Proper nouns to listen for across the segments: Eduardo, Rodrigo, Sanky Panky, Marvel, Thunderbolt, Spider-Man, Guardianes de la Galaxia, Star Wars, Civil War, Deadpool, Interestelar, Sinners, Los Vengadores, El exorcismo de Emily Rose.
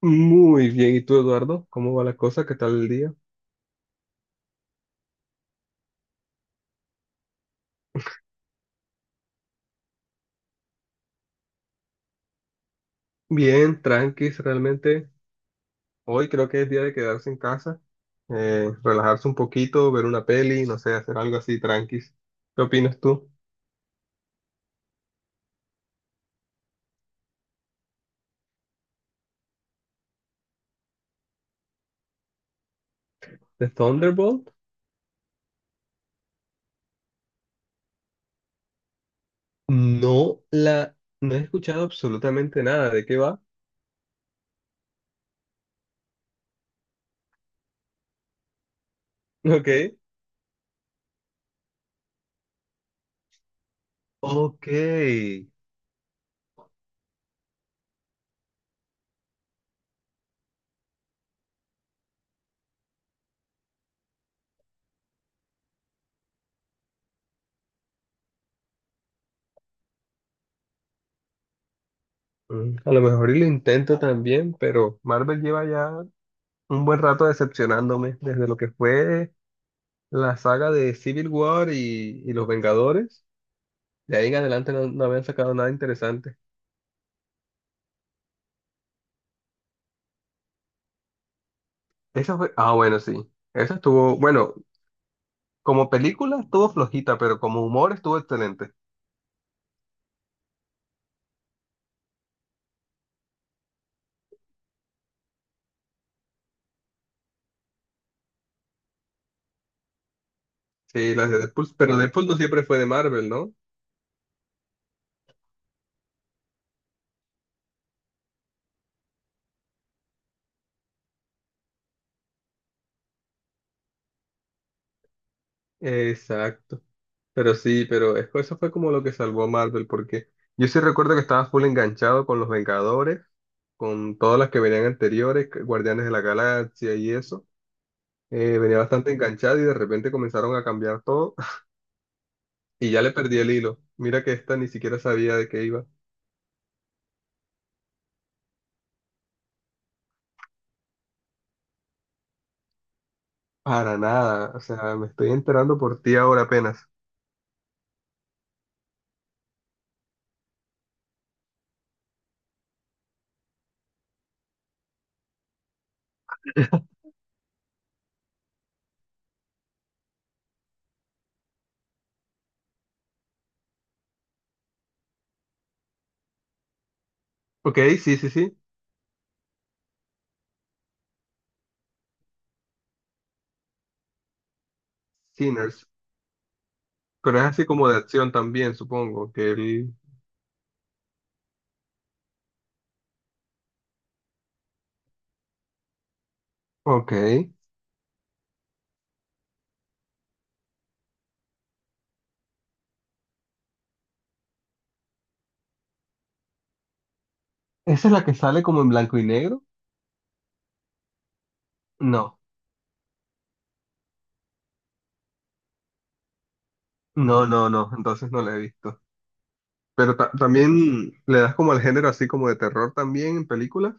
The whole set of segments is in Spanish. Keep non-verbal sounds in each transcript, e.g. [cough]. Muy bien, ¿y tú, Eduardo? ¿Cómo va la cosa? ¿Qué tal el día? Bien, tranquis, realmente. Hoy creo que es día de quedarse en casa, relajarse un poquito, ver una peli, no sé, hacer algo así tranquis. ¿Qué opinas tú? ¿De Thunderbolt? No la, no he escuchado absolutamente nada. ¿De qué va? [laughs] Ok. Ok. Mm, a lo mejor y lo intento también, pero Marvel lleva ya un buen rato decepcionándome desde lo que fue la saga de Civil War y Los Vengadores. De ahí en adelante no habían sacado nada interesante. Esa fue, ah, bueno, sí. Esa estuvo, bueno, como película estuvo flojita, pero como humor estuvo excelente. Sí, las de Deadpool, pero Deadpool no siempre fue de Marvel, ¿no? Exacto. Pero sí, pero eso fue como lo que salvó a Marvel, porque yo sí recuerdo que estaba full enganchado con los Vengadores, con todas las que venían anteriores, Guardianes de la Galaxia y eso. Venía bastante enganchado y de repente comenzaron a cambiar todo [laughs] y ya le perdí el hilo. Mira que esta ni siquiera sabía de qué iba. Para nada, o sea, me estoy enterando por ti ahora apenas. Ok, sí, sí, sí, Sinners, pero es así como de acción también, supongo, que él... Ok, ¿esa es la que sale como en blanco y negro? No, no, entonces no la he visto. Pero también le das como al género así como de terror también en películas.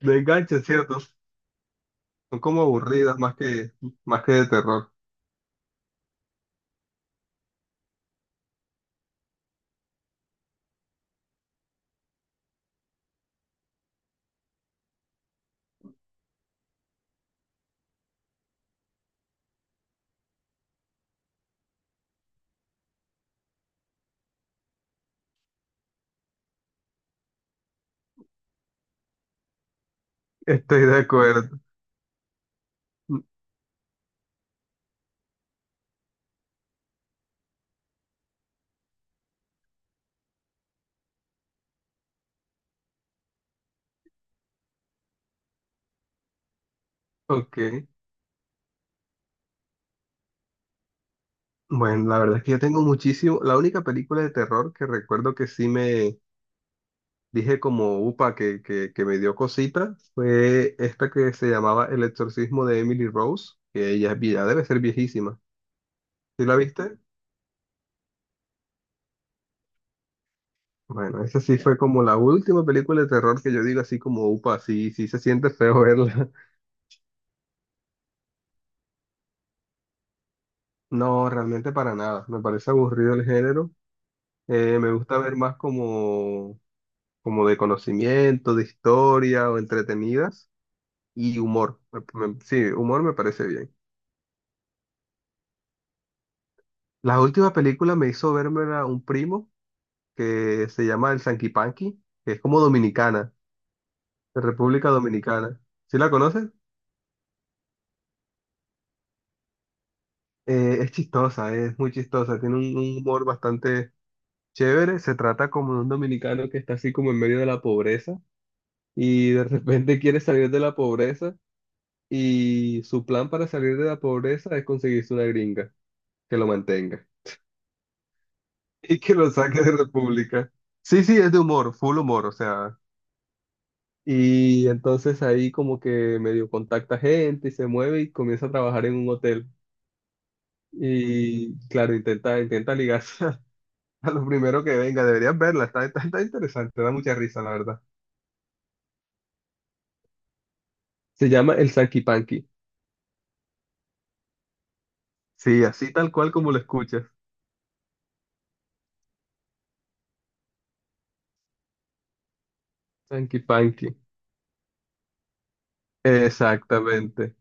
Me engancha, ¿cierto? Son como aburridas más más que de terror. Estoy de acuerdo. Ok. Bueno, la verdad es que yo tengo muchísimo. La única película de terror que recuerdo que sí dije como upa que me dio cosita fue esta que se llamaba El exorcismo de Emily Rose, que ella es ya debe ser viejísima. ¿Sí la viste? Bueno, esa sí fue como la última película de terror que yo digo así como upa, sí, sí se siente feo verla. [laughs] No, realmente para nada, me parece aburrido el género. Me gusta ver más como de conocimiento, de historia o entretenidas y humor. Sí, humor me parece bien. La última película me hizo verme a un primo que se llama el Sanquipanqui, que es como dominicana, de República Dominicana. ¿Sí la conoces? Es chistosa, es muy chistosa, tiene un humor bastante chévere. Se trata como de un dominicano que está así como en medio de la pobreza y de repente [laughs] quiere salir de la pobreza y su plan para salir de la pobreza es conseguirse una gringa que lo mantenga [laughs] y que lo saque de República. Sí, sí, es de humor, full humor, o sea. Y entonces ahí como que medio contacta gente y se mueve y comienza a trabajar en un hotel. Y claro, intenta ligarse [laughs] a, lo primero que venga. Deberías verla, está interesante, da mucha risa, la verdad. Se llama el Sanky Panky. Sí, así tal cual como lo escuchas. Sanky Panky. Exactamente.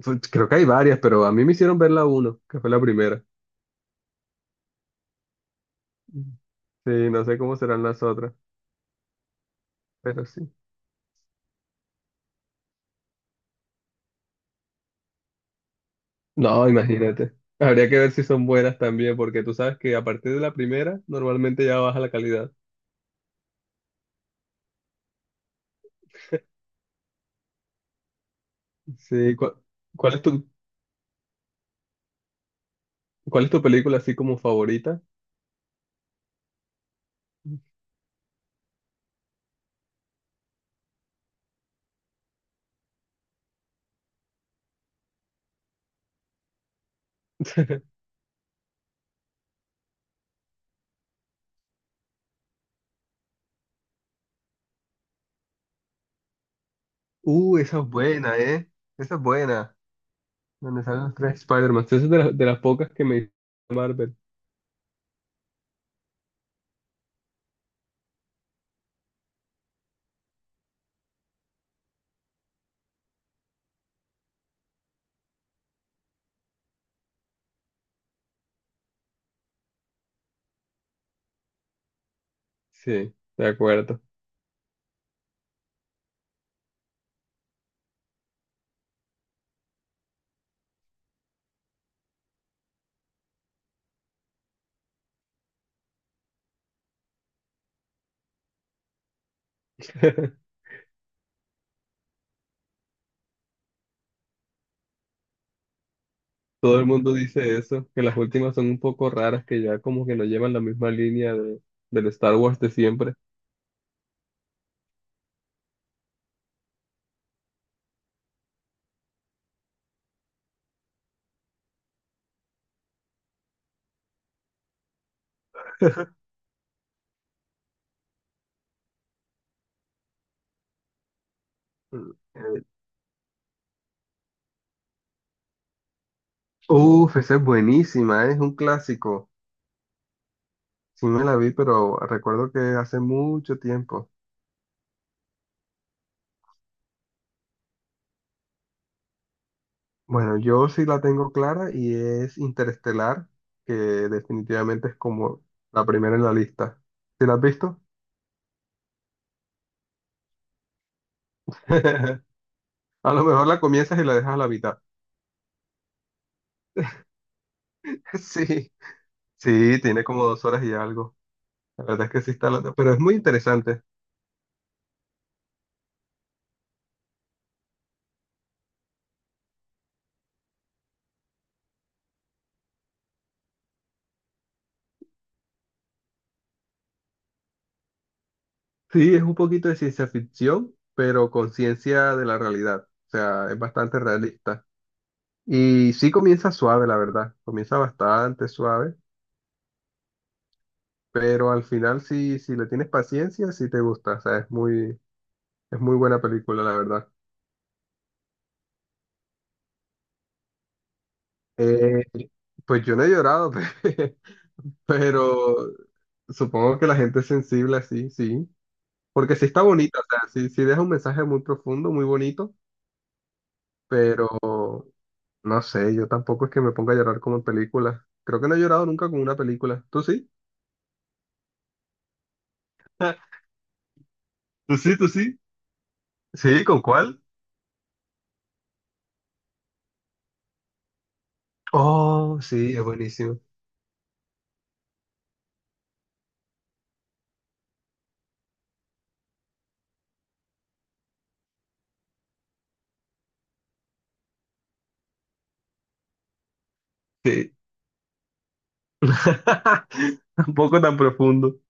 Creo que hay varias, pero a mí me hicieron ver la uno, que fue la primera. Sí, no sé cómo serán las otras, pero sí. No, imagínate. Habría que ver si son buenas también, porque tú sabes que a partir de la primera normalmente ya baja la calidad. Sí, ¿cuál es cuál es tu película así como favorita? [laughs] Esa es buena, ¿eh? Esa es buena. Donde salen los tres Spider-Man. Esa es de las pocas que me hizo Marvel. Sí, de acuerdo. [laughs] Todo el mundo dice eso, que las últimas son un poco raras, que ya como que no llevan la misma línea del Star Wars de siempre. [laughs] Uf, esa es buenísima, es un clásico. Sí me la vi, pero recuerdo que hace mucho tiempo. Bueno, yo sí la tengo clara y es Interestelar, que definitivamente es como la primera en la lista. ¿Sí la has visto? [laughs] A lo mejor la comienzas y la dejas a la mitad. [laughs] Sí, sí, tiene como 2 horas y algo. La verdad es que sí está, pero es muy interesante. Sí, es un poquito de ciencia ficción, pero con ciencia de la realidad. O sea, es bastante realista. Y sí comienza suave, la verdad. Comienza bastante suave, pero al final si le tienes paciencia, sí te gusta. O sea, es muy buena película, la verdad. Eh, pues yo no he llorado, [laughs] pe- pero supongo que la gente es sensible así, sí. Porque sí está bonita, o sea, sí, sí deja un mensaje muy profundo, muy bonito, pero no sé, yo tampoco es que me ponga a llorar como en películas. Creo que no he llorado nunca con una película. ¿Tú sí? [laughs] ¿Tú sí, tú sí? Sí, ¿con cuál? Oh, sí, es buenísimo. Sí, [laughs] tampoco tan profundo.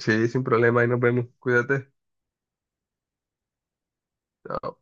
Sí, sin problema, ahí nos vemos. Cuídate. Chao.